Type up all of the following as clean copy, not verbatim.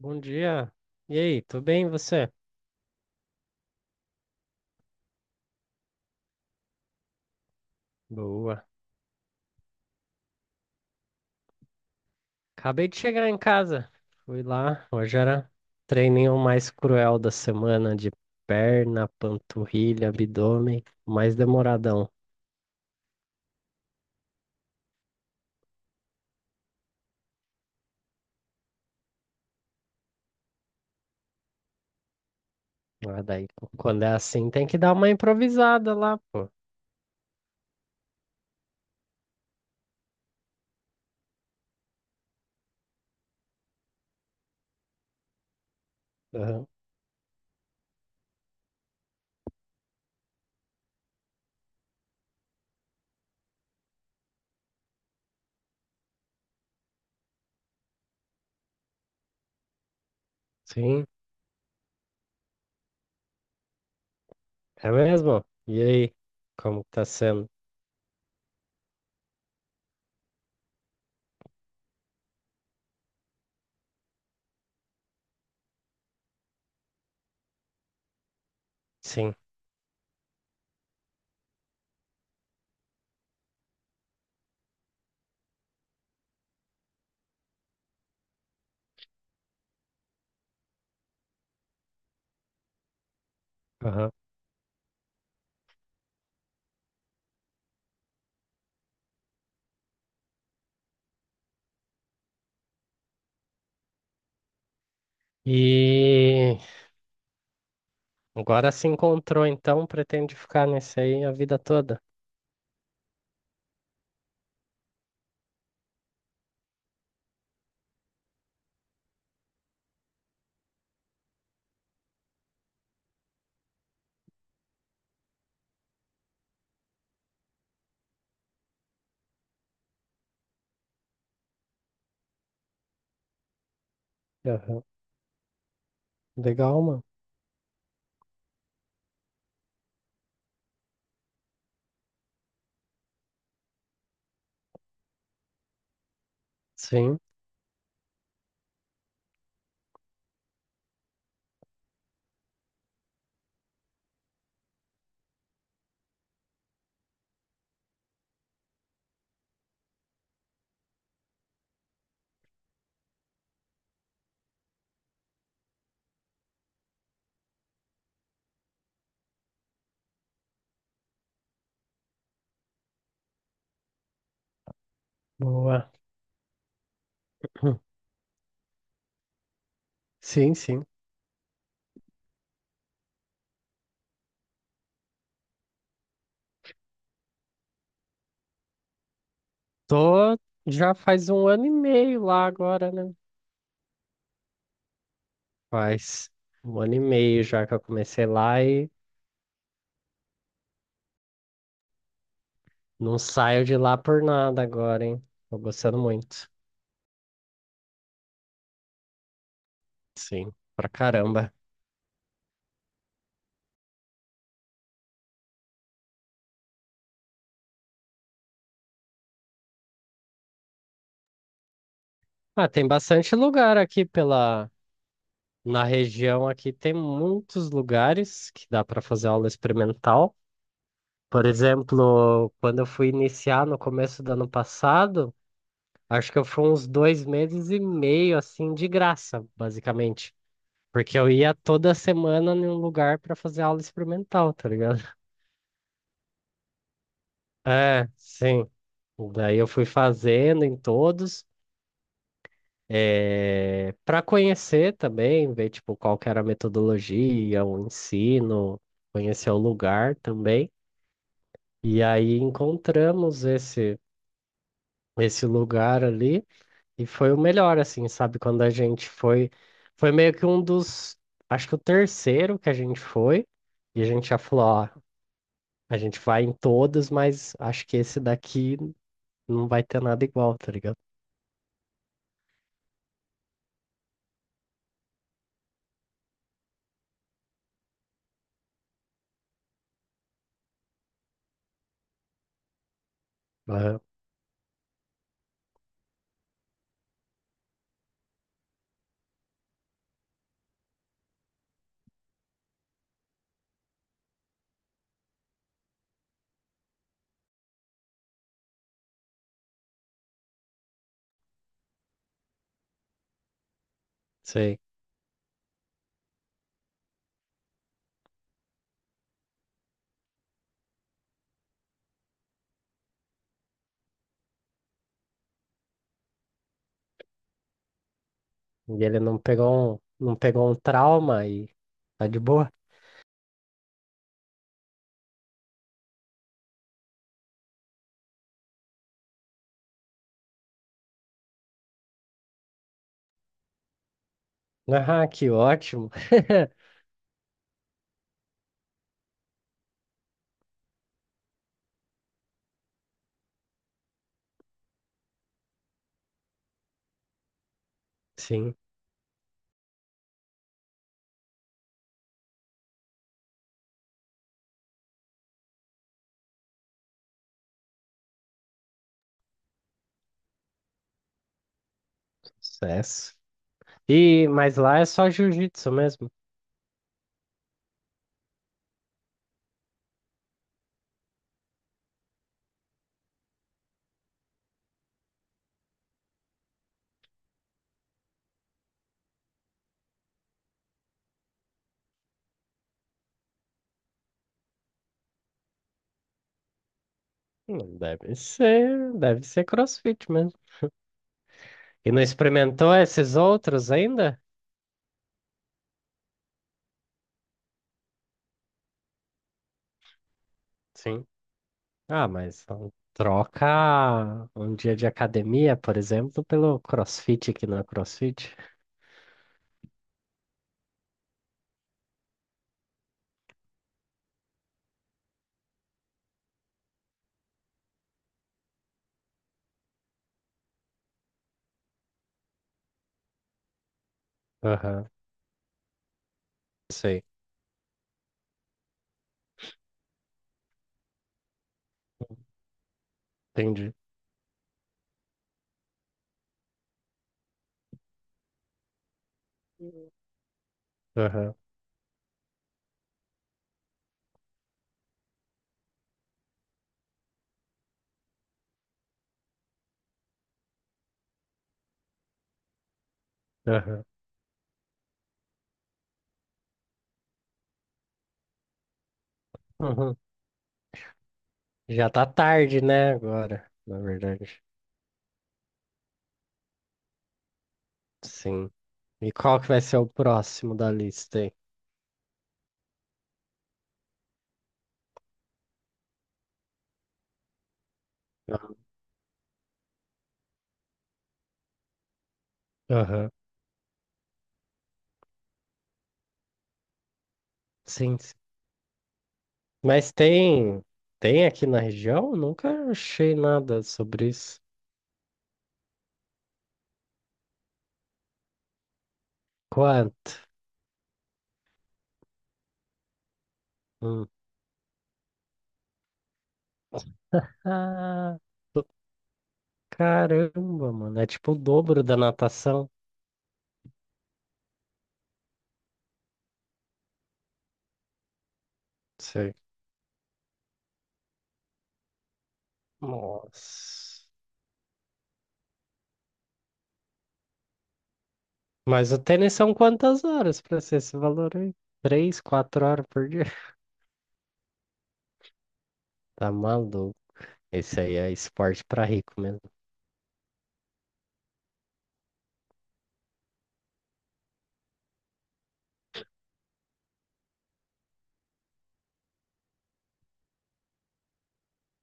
Bom dia. E aí, tudo bem e você? Boa. Acabei de chegar em casa. Fui lá. Hoje era o treininho mais cruel da semana de perna, panturrilha, abdômen, mais demoradão. Ah, daí, quando é assim, tem que dar uma improvisada lá, pô. Aham. Sim, é mesmo? E aí, como tá sendo? Sim. Aham. E agora se encontrou, então, pretende ficar nesse aí a vida toda? Aham. Legal, mano. Sim. Boa. Sim, sim. Tô já faz um ano e meio lá agora, né? Faz um ano e meio já que eu comecei lá e não saio de lá por nada agora, hein? Tô gostando muito. Sim, pra caramba. Ah, tem bastante lugar aqui pela na região aqui tem muitos lugares que dá para fazer aula experimental. Por exemplo, quando eu fui iniciar no começo do ano passado, acho que eu fui uns 2 meses e meio, assim, de graça, basicamente. Porque eu ia toda semana em um lugar para fazer aula experimental, tá ligado? É, sim. Daí eu fui fazendo em todos, eh, pra para conhecer também, ver tipo qual que era a metodologia, o ensino, conhecer o lugar também. E aí encontramos esse lugar ali. E foi o melhor, assim, sabe? Quando a gente foi. Foi meio que um dos. Acho que o terceiro que a gente foi. E a gente já falou: ó, a gente vai em todos, mas acho que esse daqui não vai ter nada igual, tá ligado? Aham, sei. E ele não pegou um trauma e tá de boa. Ah, que ótimo. Sim, sucesso. E, mas lá é só jiu-jitsu mesmo. Deve ser CrossFit mesmo. E não experimentou esses outros ainda? Sim. Ah, mas então, troca um dia de academia, por exemplo, pelo CrossFit que não é CrossFit. Aham, sei. Entendi. Aham, aham. Uhum. Já tá tarde, né, agora, na verdade. Sim. E qual que vai ser o próximo da lista aí? Aham. Sim, sim. Mas tem aqui na região? Nunca achei nada sobre isso. Quanto? Hum. Ah, do- caramba, mano. É tipo o dobro da natação. Sei. Nossa. Mas o tênis são quantas horas pra ser esse valor aí? Três, quatro horas por dia. Tá maluco. Esse aí é esporte pra rico mesmo.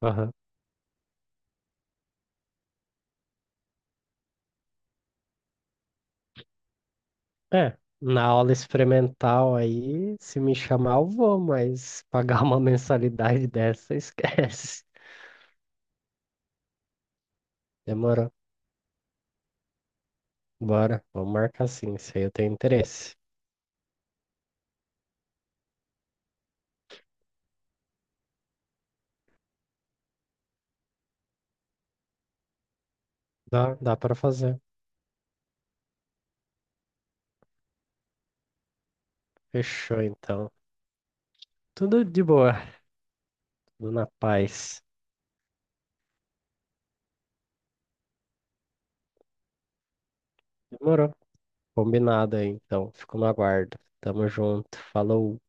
Aham. É. Na aula experimental aí, se me chamar, eu vou, mas pagar uma mensalidade dessa, esquece. Demorou. Bora. Vamos marcar sim. Se aí eu tenho interesse. Dá para fazer. Fechou, então. Tudo de boa. Tudo na paz. Demorou. Combinado aí, então. Fico no aguardo. Tamo junto. Falou.